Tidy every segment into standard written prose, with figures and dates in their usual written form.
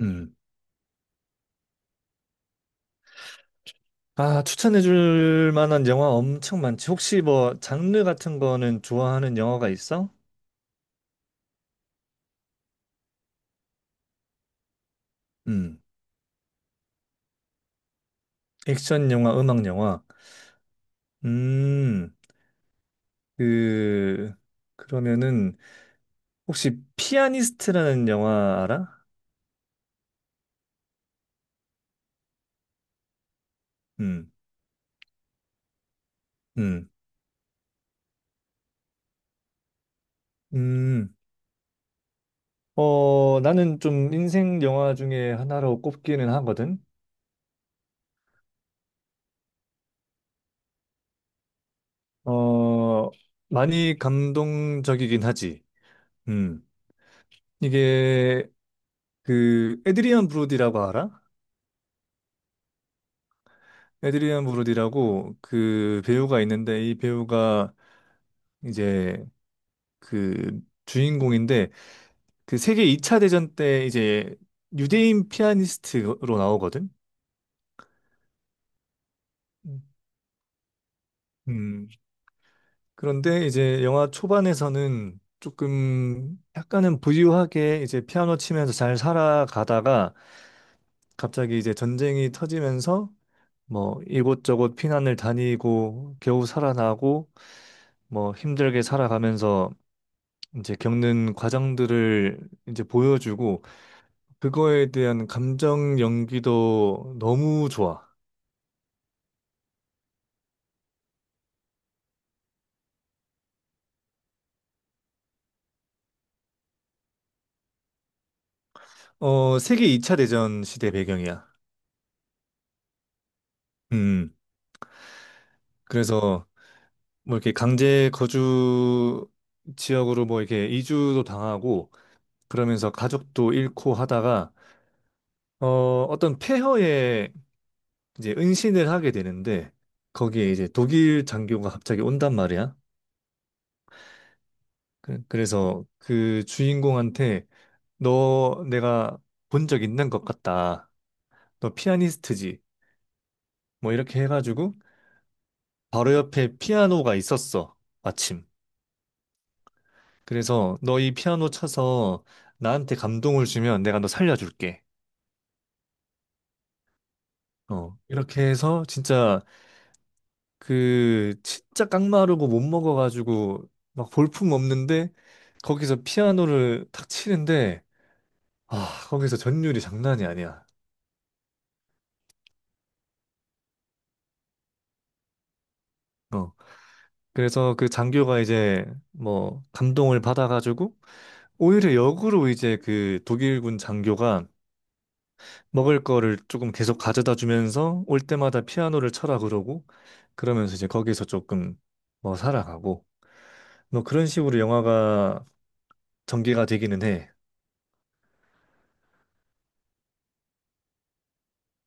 음. 아, 추천해 줄 만한 영화 엄청 많지. 혹시 뭐 장르 같은 거는 좋아하는 영화가 있어? 음. 액션 영화, 음악 영화. 음. 그 그러면은 혹시 피아니스트라는 영화 알아? 음. 음. 음. 어, 나는 좀 인생 영화 중에 하나로 꼽기는 하거든. 어, 많이 감동적이긴 하지. 음. 이게 그 에드리안 브로디라고 알아? 에드리안 브로디라고 그 배우가 있는데 이 배우가 이제 그 주인공인데 그 세계 2차 대전 때 이제 유대인 피아니스트로 나오거든. 음. 그런데 이제 영화 초반에서는 조금 약간은 부유하게 이제 피아노 치면서 잘 살아가다가 갑자기 이제 전쟁이 터지면서 뭐 이곳저곳 피난을 다니고 겨우 살아나고 뭐 힘들게 살아가면서 이제 겪는 과정들을 이제 보여주고 그거에 대한 감정 연기도 너무 좋아. 어, 세계 2차 대전 시대 배경이야. 음. 음. 그래서 뭐 이렇게 강제 거주 지역으로 뭐 이렇게 이주도 당하고 그러면서 가족도 잃고 하다가 어, 어떤 폐허에 이제 은신을 하게 되는데 거기에 이제 독일 장교가 갑자기 온단 말이야. 그래서 그 주인공한테 너 내가 본 적 있는 것 같다. 너 피아니스트지? 뭐 이렇게 해가지고 바로 옆에 피아노가 있었어. 마침. 그래서 너 이 피아노 쳐서 나한테 감동을 주면 내가 너 살려줄게. 어. 이렇게 해서 진짜 그 진짜 깡마르고 못 먹어가지고 막 볼품 없는데 거기서 피아노를 탁 치는데 아 거기서 전율이 장난이 아니야. 어. 그래서 그 장교가 이제 뭐 감동을 받아가지고 오히려 역으로 이제 그 독일군 장교가 먹을 거를 조금 계속 가져다 주면서 올 때마다 피아노를 쳐라 그러고 그러면서 이제 거기서 조금 뭐 살아가고 뭐 그런 식으로 영화가 전개가 되기는 해.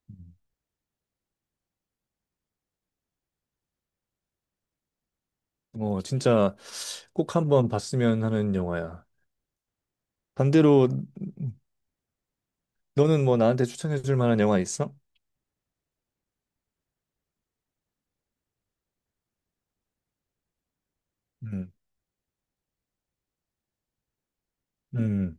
음. 뭐 진짜 꼭 한번 봤으면 하는 영화야. 반대로 너는 뭐 나한테 추천해 줄 만한 영화 있어? 음. 음.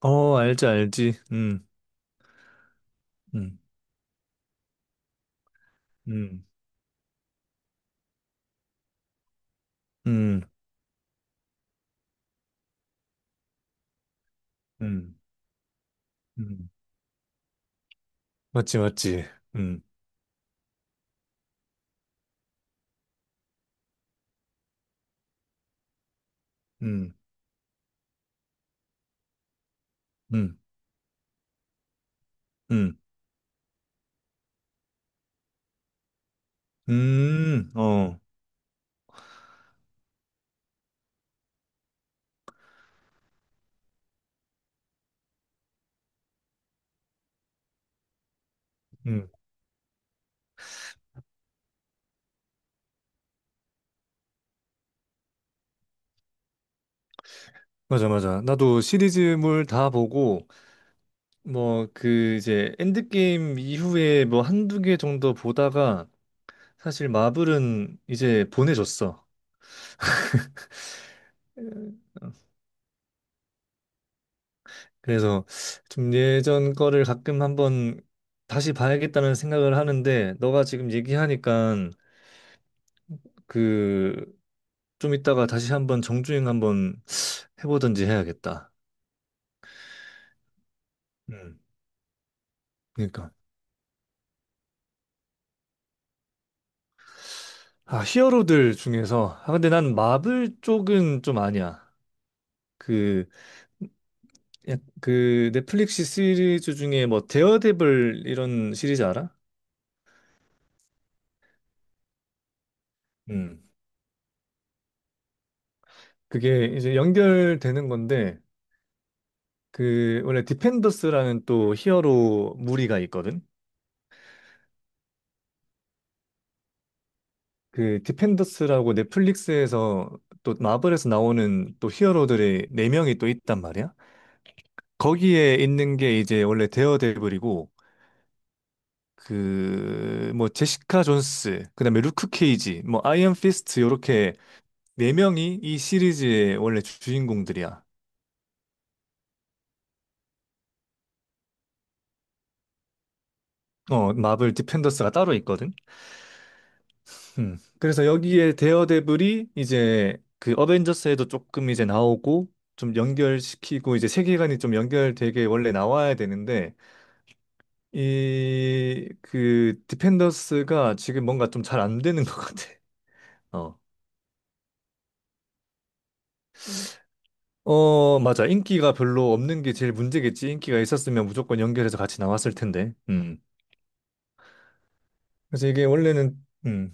어, 알지 알지. 음. 음. 음. 음. 음. 음. 맞지 맞지. 음. 음. 음. 음, 어, 음, 맞아, 맞아. 나도 시리즈물 다 보고, 뭐, 그, 이제, 엔드게임 이후에 뭐 한두 개 정도 보다가, 사실 마블은 이제 보내줬어. 그래서 좀 예전 거를 가끔 한번 다시 봐야겠다는 생각을 하는데, 너가 지금 얘기하니까, 그, 좀 이따가 다시 한번 정주행 한번 해보든지 해야겠다. 음, 그러니까. 아, 히어로들 중에서. 아, 근데 난 마블 쪽은 좀 아니야. 그, 그 넷플릭스 시리즈 중에 뭐 데어데블 이런 시리즈 알아? 음. 그게 이제 연결되는 건데, 그, 원래 디펜더스라는 또 히어로 무리가 있거든? 그 디펜더스라고 넷플릭스에서 또 마블에서 나오는 또 히어로들이 네명이또 있단 말이야. 거기에 있는 게 이제 원래 데어데블이고, 그 뭐 제시카 존스, 그다음에 루크 케이지, 뭐 아이언 피스트 요렇게 네 명이 이 시리즈의 원래 주인공들이야. 어, 마블 디펜더스가 따로 있거든. 음. 그래서 여기에 데어데블이 이제 그 어벤져스에도 조금 이제 나오고 좀 연결시키고 이제 세계관이 좀 연결되게 원래 나와야 되는데 이 그 디펜더스가 지금 뭔가 좀 잘 안 되는 것 같아. 어. 어, 맞아. 인기가 별로 없는 게 제일 문제겠지. 인기가 있었으면 무조건 연결해서 같이 나왔을 텐데. 음. 그래서 이게 원래는, 음,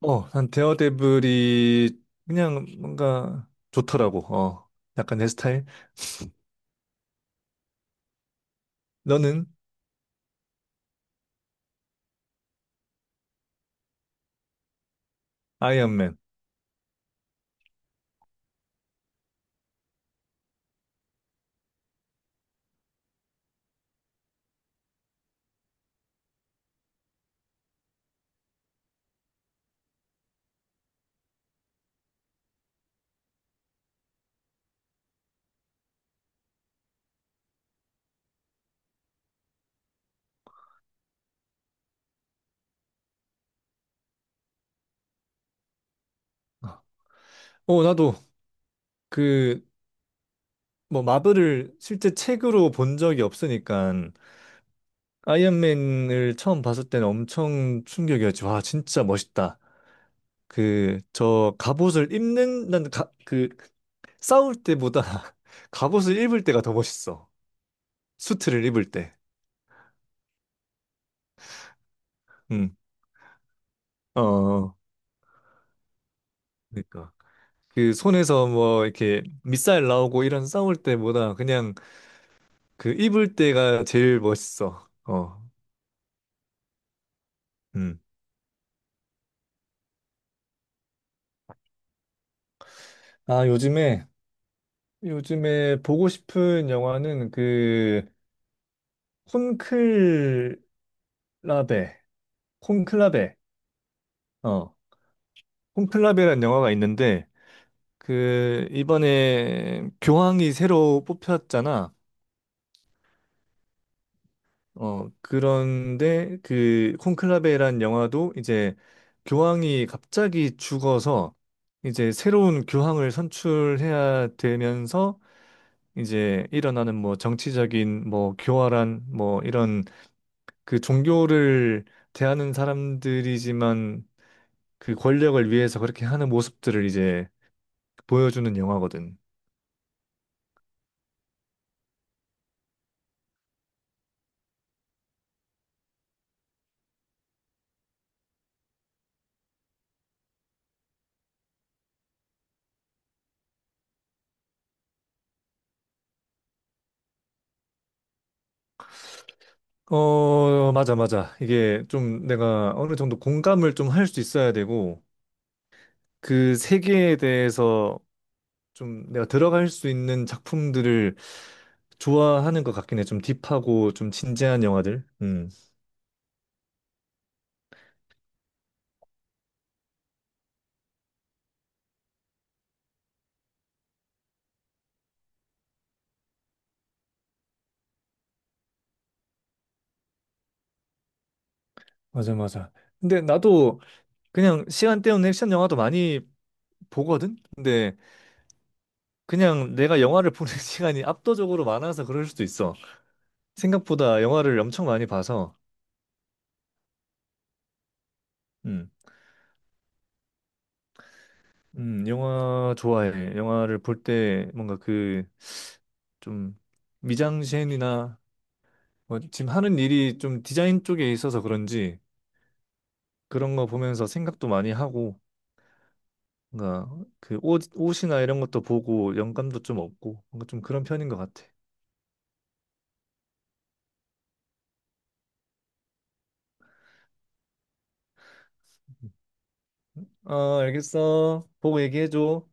어, 한 데어데블이 그냥 뭔가 좋더라고. 어, 약간 내 스타일. 너는 아이언맨. 어, 어, 나도 그, 뭐, 마블을 실제 책으로 본 적이 없으니까 아이언맨을 처음 봤을 때는 엄청 충격이었지. 와, 진짜 멋있다. 그 저 갑옷을 입는 난 가, 그 싸울 때보다 갑옷을 입을 때가 더 멋있어. 수트를 입을 때. 음. 어. 그러니까 그 손에서 뭐 이렇게 밑살 나오고 이런 싸울 때보다 그냥 그 입을 때가 제일 멋있어. 어. 음. 아, 요즘에 보고 싶은 영화는 그 콘클라베 콘클라베 어 콘클라베라는 영화가 있는데 그 이번에 교황이 새로 뽑혔잖아. 어, 그런데 그 콘클라베란 영화도 이제 교황이 갑자기 죽어서 이제 새로운 교황을 선출해야 되면서 이제 일어나는 뭐 정치적인 뭐 교활한 뭐 이런 그 종교를 대하는 사람들이지만 그 권력을 위해서 그렇게 하는 모습들을 이제 보여주는 영화거든. 어, 맞아, 맞아. 이게 좀 내가 어느 정도 공감을 좀 할 수 있어야 되고, 그 세계에 대해서 좀 내가 들어갈 수 있는 작품들을 좋아하는 것 같긴 해. 좀 딥하고 좀 진지한 영화들. 맞아, 맞아. 근데 나도 그냥 시간 때우는 액션 영화도 많이 보거든? 근데 그냥 내가 영화를 보는 시간이 압도적으로 많아서 그럴 수도 있어. 생각보다 영화를 엄청 많이 봐서. 음. 영화 좋아해. 영화를 볼 때 뭔가 그 좀 미장센이나 뭐 지금 하는 일이 좀 디자인 쪽에 있어서 그런지 그런 거 보면서 생각도 많이 하고 뭔가 그 옷, 옷이나 이런 것도 보고 영감도 좀 없고 뭔가 좀 그런 편인 것 같아. 음. 어, 알겠어. 보고 얘기해줘.